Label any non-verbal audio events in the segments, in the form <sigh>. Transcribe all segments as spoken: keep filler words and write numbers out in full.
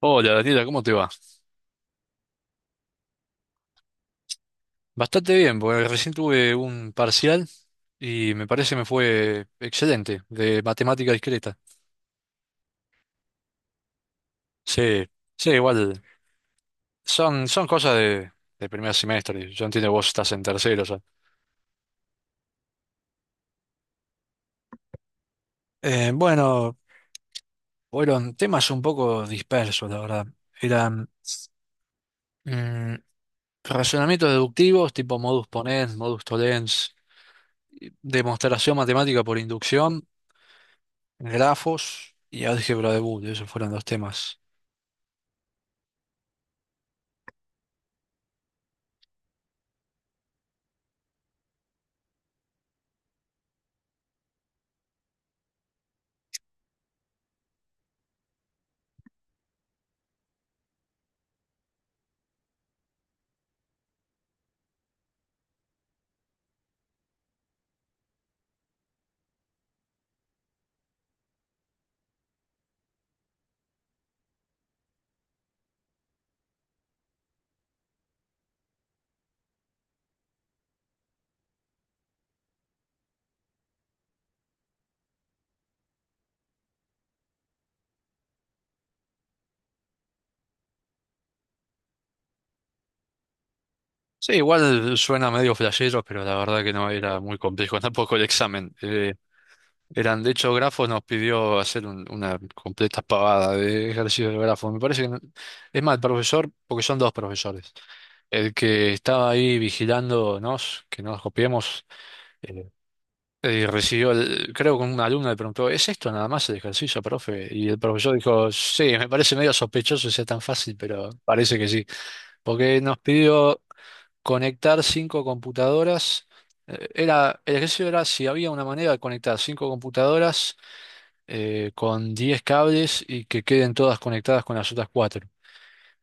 Hola Daniela, ¿cómo te va? Bastante bien, porque recién tuve un parcial y me parece me fue excelente, de matemática discreta. Sí, sí, igual. Son, son cosas de, de primer semestre. Yo entiendo que vos estás en tercero ya. Eh, bueno, fueron temas un poco dispersos, la verdad. Eran mm, razonamientos deductivos, tipo modus ponens, modus tollens, y demostración matemática por inducción, grafos y álgebra de Boole. Esos fueron los temas. Sí, igual suena medio flashero, pero la verdad que no era muy complejo <laughs> tampoco el examen. Eh, eran, de hecho, grafos nos pidió hacer un- una completa pavada de ejercicios de grafos. Me parece que, no- es más, el profesor, porque son dos profesores, el que estaba ahí vigilándonos, que no nos copiemos, eh, eh, recibió, el- creo que un alumno le preguntó, ¿es esto nada más el ejercicio, profe? Y el profesor dijo, sí, me parece medio sospechoso que sea tan fácil, pero parece que sí, porque nos pidió conectar cinco computadoras. eh, Era, el ejercicio era si había una manera de conectar cinco computadoras eh, con diez cables y que queden todas conectadas con las otras cuatro.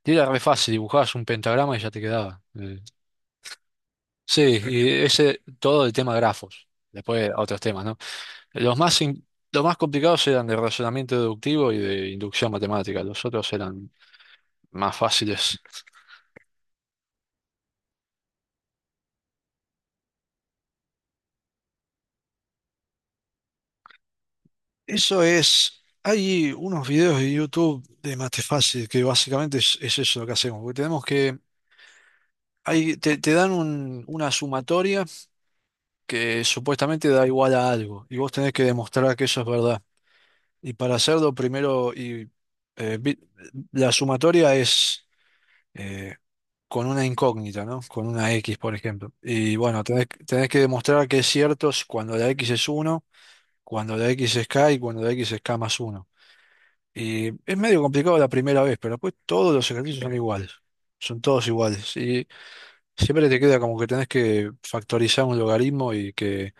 Y era re fácil, dibujabas un pentagrama y ya te quedaba. Eh, sí, y ese todo el tema grafos. Después otros temas, ¿no? Los más, in- los más complicados eran de razonamiento deductivo y de inducción matemática. Los otros eran más fáciles. Eso es, hay unos videos de YouTube de Matefacil que básicamente es, es eso lo que hacemos, porque tenemos que, hay, te, te dan un- una sumatoria que supuestamente da igual a algo, y vos tenés que demostrar que eso es verdad. Y para hacerlo primero, y, eh, vi- la sumatoria es eh, con una incógnita, ¿no? Con una X, por ejemplo. Y bueno, tenés, que- tenés que demostrar que es cierto cuando la X es uno, cuando la X es K y cuando la X es K más uno. Y es medio complicado la primera vez, pero después todos los ejercicios son iguales. Son todos iguales. Y siempre te queda como que tenés que factorizar un logaritmo y que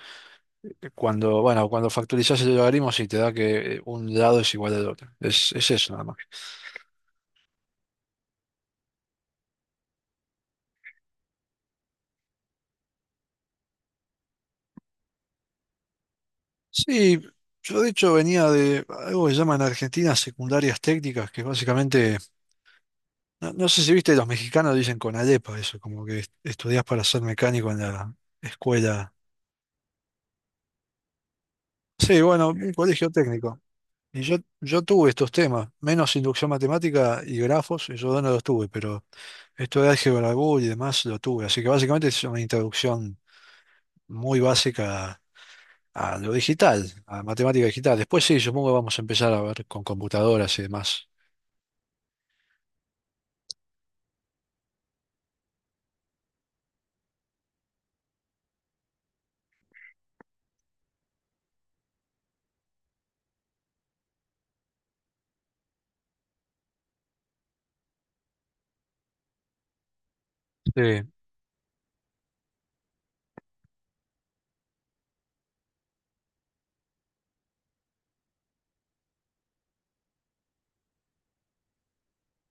que cuando, bueno, cuando factorizás el logaritmo sí te da que eh, un lado es igual al otro. Es, es eso nada más. Sí, yo de hecho venía de algo que llaman en Argentina secundarias técnicas, que básicamente, no, no sé si viste, los mexicanos dicen con Alepa eso, como que est- estudiás para ser mecánico en la escuela. Sí, bueno, un colegio técnico. Y yo, yo tuve estos temas, menos inducción matemática y grafos, y yo no los tuve, pero esto de álgebra Boole y demás lo tuve. Así que básicamente es una introducción muy básica a lo digital, a matemática digital. Después sí, supongo que vamos a empezar a ver con computadoras y demás. Sí,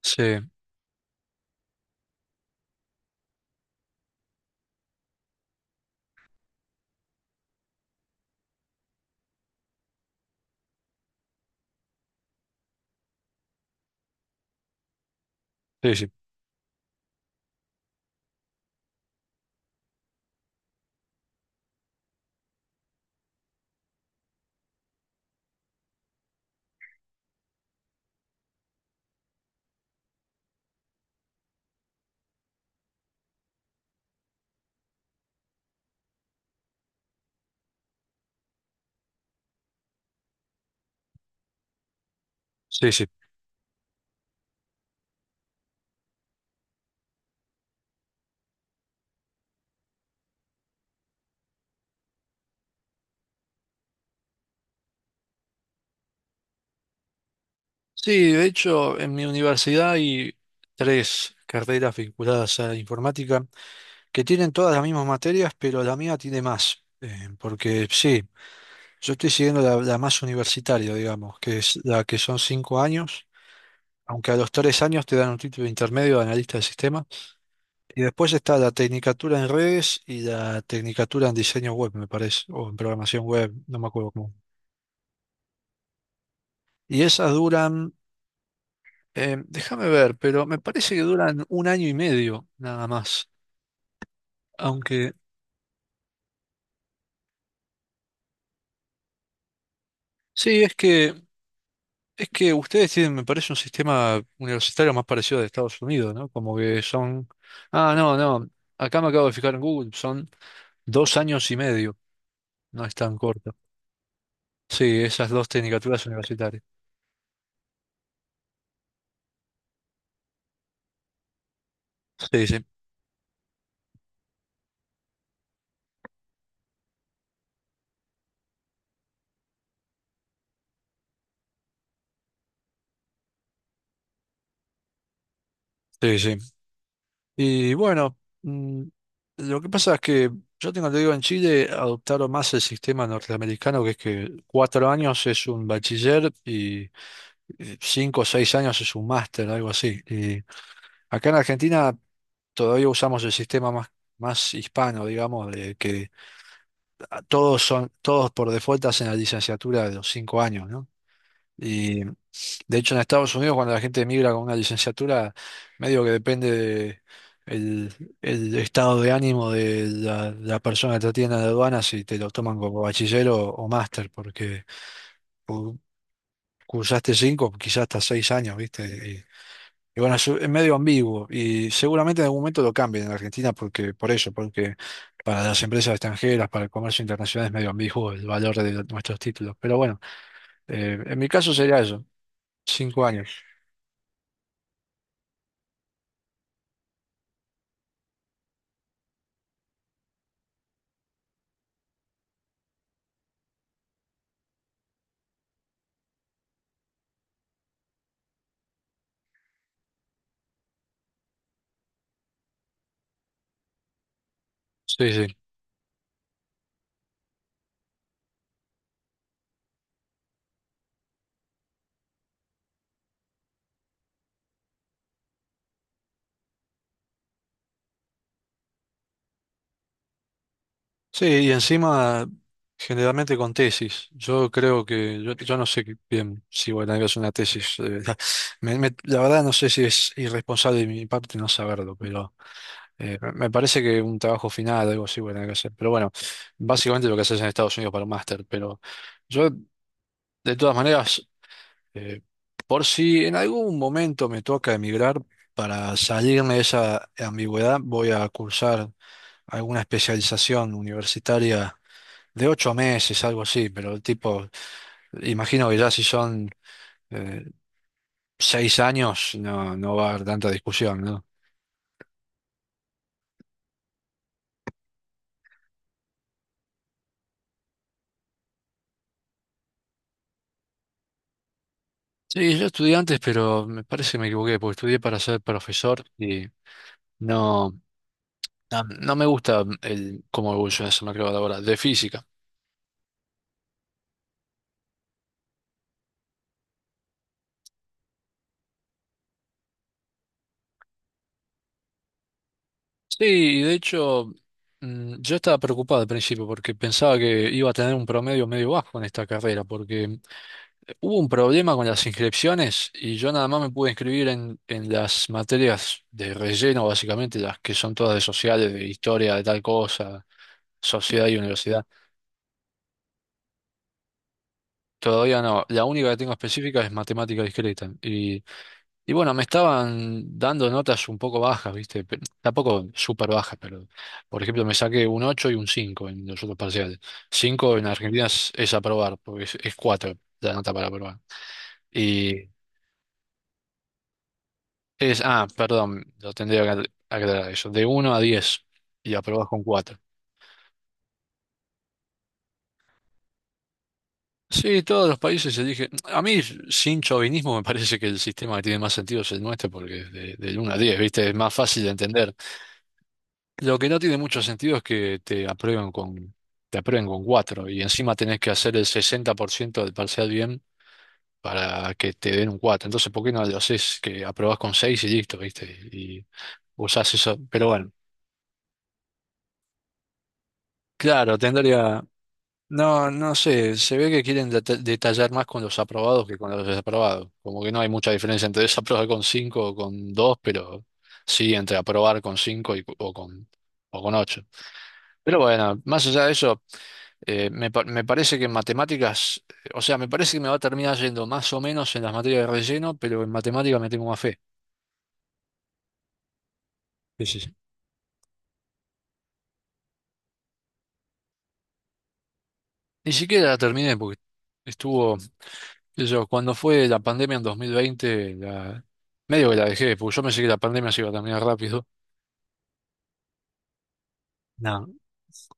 sí, sí, sí, sí, sí. Sí, de hecho, en mi universidad hay tres carreras vinculadas a informática que tienen todas las mismas materias, pero la mía tiene más. Eh, porque sí. Yo estoy siguiendo la, la más universitaria, digamos, que es la que son cinco años, aunque a los tres años te dan un título intermedio de analista de sistemas. Y después está la tecnicatura en redes y la tecnicatura en diseño web, me parece, o en programación web, no me acuerdo cómo. Y esas duran, eh, déjame ver, pero me parece que duran un año y medio nada más. Aunque sí, es que Es que ustedes tienen, me parece, un sistema universitario más parecido al de Estados Unidos, ¿no? Como que son. Ah, no, no. Acá me acabo de fijar en Google. Son dos años y medio. No es tan corto. Sí, esas dos tecnicaturas universitarias. Sí, sí, sí, sí. Y bueno, mm, lo que pasa es que yo tengo, te digo, en Chile adoptaron más el sistema norteamericano, que es que cuatro años es un bachiller y eh, cinco o seis años es un máster, algo así. Y acá en Argentina todavía usamos el sistema más, más hispano, digamos, de que todos son, todos por default hacen la licenciatura de los cinco años, ¿no? Y de hecho en Estados Unidos cuando la gente emigra con una licenciatura, medio que depende de el, el estado de ánimo de la, la persona que te atiende en la aduana, si te lo toman como bachiller o, o máster, porque cu- cursaste cinco, quizás hasta seis años, ¿viste? Y bueno, es es medio ambiguo y seguramente en algún momento lo cambien en Argentina porque, por eso, porque para las empresas extranjeras, para el comercio internacional es medio ambiguo el valor de lo- nuestros títulos. Pero bueno, eh, en mi caso sería eso, cinco años. Sí, sí. Sí, y encima generalmente con tesis. Yo creo que, yo, yo no sé qué- bien si voy a tener hacer una tesis. Eh, <laughs> me- me- la verdad no sé si es irresponsable de mi parte no saberlo, pero Eh, me me parece que un trabajo final, algo así, voy a tener que hacer. Pero bueno, básicamente lo que haces en Estados Unidos para un máster. Pero yo, de todas maneras, eh, por si en algún momento me toca emigrar, para salirme de esa ambigüedad, voy a cursar alguna especialización universitaria de ocho meses, algo así. Pero tipo, imagino que ya si son eh, seis años, no, no va a haber tanta discusión, ¿no? Sí, yo estudié antes, pero me parece que me equivoqué, porque estudié para ser profesor y no, no, no me gusta el cómo evoluciona ese mercado laboral de física. Sí, y de hecho, mm, yo estaba preocupado al principio porque pensaba que iba a tener un promedio medio bajo en esta carrera, porque hubo un problema con las inscripciones y yo nada más me pude inscribir en, en las materias de relleno, básicamente, las que son todas de sociales, de historia, de tal cosa, sociedad y universidad. Todavía no. La única que tengo específica es matemática discreta. Y, y bueno, me estaban dando notas un poco bajas, ¿viste? Pe- Tampoco súper bajas, pero por ejemplo me saqué un ocho y un cinco en los otros parciales. Cinco en Argentina es, es aprobar, porque es, es cuatro la nota para aprobar. Y es, ah, Perdón, lo tendría que aclarar eso. De uno a diez y aprobás con cuatro. Sí, todos los países se dije, a mí sin chauvinismo me parece que el sistema que tiene más sentido es el nuestro porque es de, del uno a diez, ¿viste? Es más fácil de entender. Lo que no tiene mucho sentido es que te aprueben con, te aprueben con cuatro y encima tenés que hacer el sesenta por ciento del parcial bien para que te den un cuatro. Entonces, ¿por qué no lo haces que aprobás con seis y listo, ¿viste? Y, y usás eso. Pero bueno, claro, tendría. No, no sé, se ve que quieren deta- detallar más con los aprobados que con los desaprobados. Como que no hay mucha diferencia entre <laughs> desaprobar con cinco o con dos, pero sí entre aprobar con cinco y, o con, o con ocho. Pero bueno, más allá de eso, eh, me, pa- me parece que en matemáticas, eh, o sea, me parece que me va a terminar yendo más o menos en las materias de relleno, pero en matemáticas me tengo más fe. Sí, sí, sí. Ni siquiera la terminé porque estuvo... qué sé yo, cuando fue la pandemia en dos mil veinte, la- medio que la dejé, porque yo pensé que la pandemia se iba a terminar rápido. No.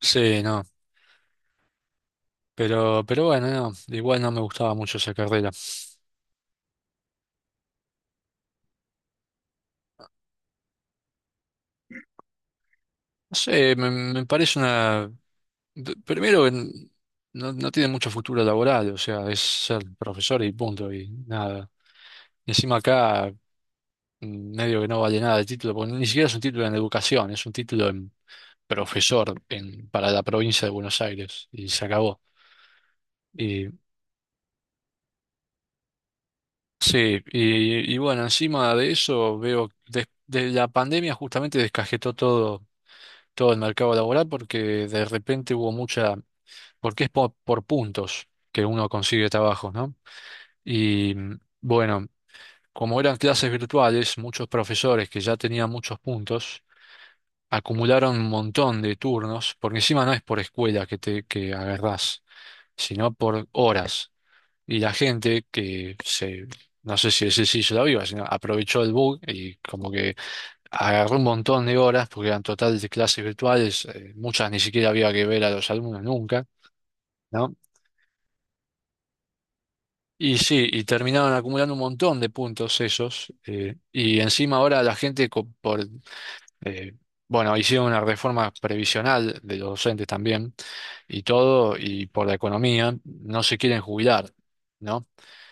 Sí, no. Pero, pero bueno, no, igual no me gustaba mucho esa carrera. No sé, me, me parece una. de- Primero, en- no, no tiene mucho futuro laboral, o sea, es ser profesor y punto, y nada. Y encima acá, mm, medio que no vale nada el título, porque ni siquiera es un título en educación, es un título en profesor en, para la provincia de Buenos Aires, y se acabó. Sí, y, y bueno, encima de eso veo, des- de, la pandemia justamente descajetó todo, todo, el mercado laboral porque de repente hubo mucha, porque es por, por puntos que uno consigue trabajo, ¿no? Y mm, bueno, como eran clases virtuales, muchos profesores que ya tenían muchos puntos acumularon un montón de turnos, porque encima no es por escuela que te que agarrás, sino por horas. Y la gente que se, no sé si ese sí hizo la viva, sino aprovechó el bug y como que agarró un montón de horas, porque eran total de clases virtuales, eh, muchas ni siquiera había que ver a los alumnos nunca, ¿no? Y sí, y terminaron acumulando un montón de puntos esos, eh, y encima ahora la gente, co- por, eh, bueno, hicieron una reforma previsional de los docentes también, y todo, y por la economía, no se quieren jubilar, ¿no?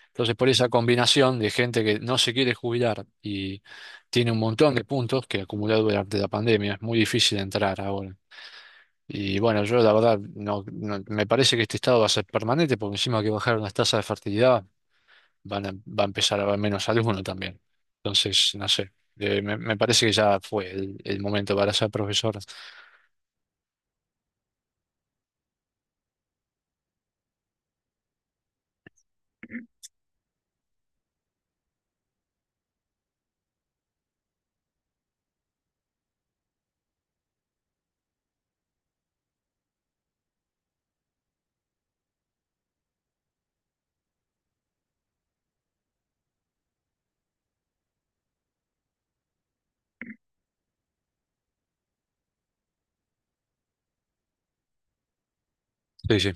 Entonces, por esa combinación de gente que no se quiere jubilar y tiene un montón de puntos que acumuló durante la pandemia, es muy difícil entrar ahora. Y bueno, yo la verdad, no, no- me parece que este estado va a ser permanente, porque encima que bajaron las tasas de fertilidad, van a- va a empezar a haber menos alumnos también. Entonces, no sé, eh, me, me parece que ya fue el, el momento para ser profesor. Sí, sí,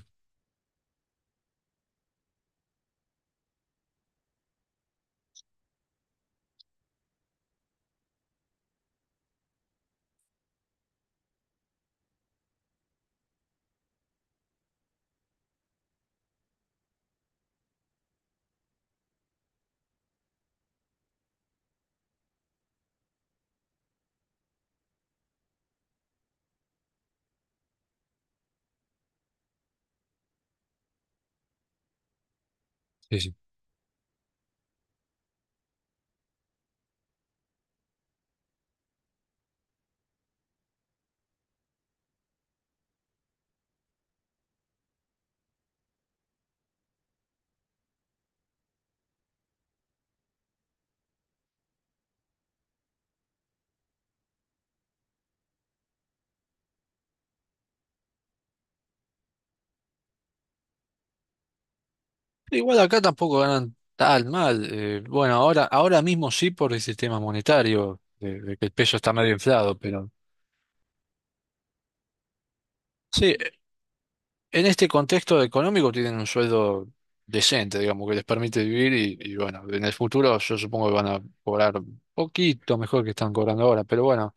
sí, sí. Igual acá tampoco ganan tan mal. Eh, bueno, ahora, ahora mismo sí por el sistema monetario, de, de que el peso está medio inflado, pero sí, en este contexto económico tienen un sueldo decente, digamos, que les permite vivir y, y bueno, en el futuro yo supongo que van a cobrar poquito mejor que están cobrando ahora, pero bueno,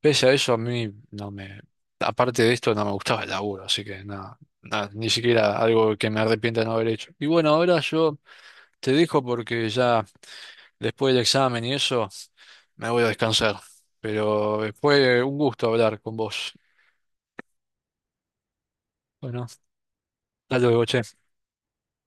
pese a eso a mí no me, aparte de esto no me gustaba el laburo, así que nada, nada, ni siquiera algo que me arrepienta de no haber hecho. Y bueno, ahora yo te dejo porque ya después del examen y eso me voy a descansar. Pero fue un gusto hablar con vos. Bueno, hasta luego, che.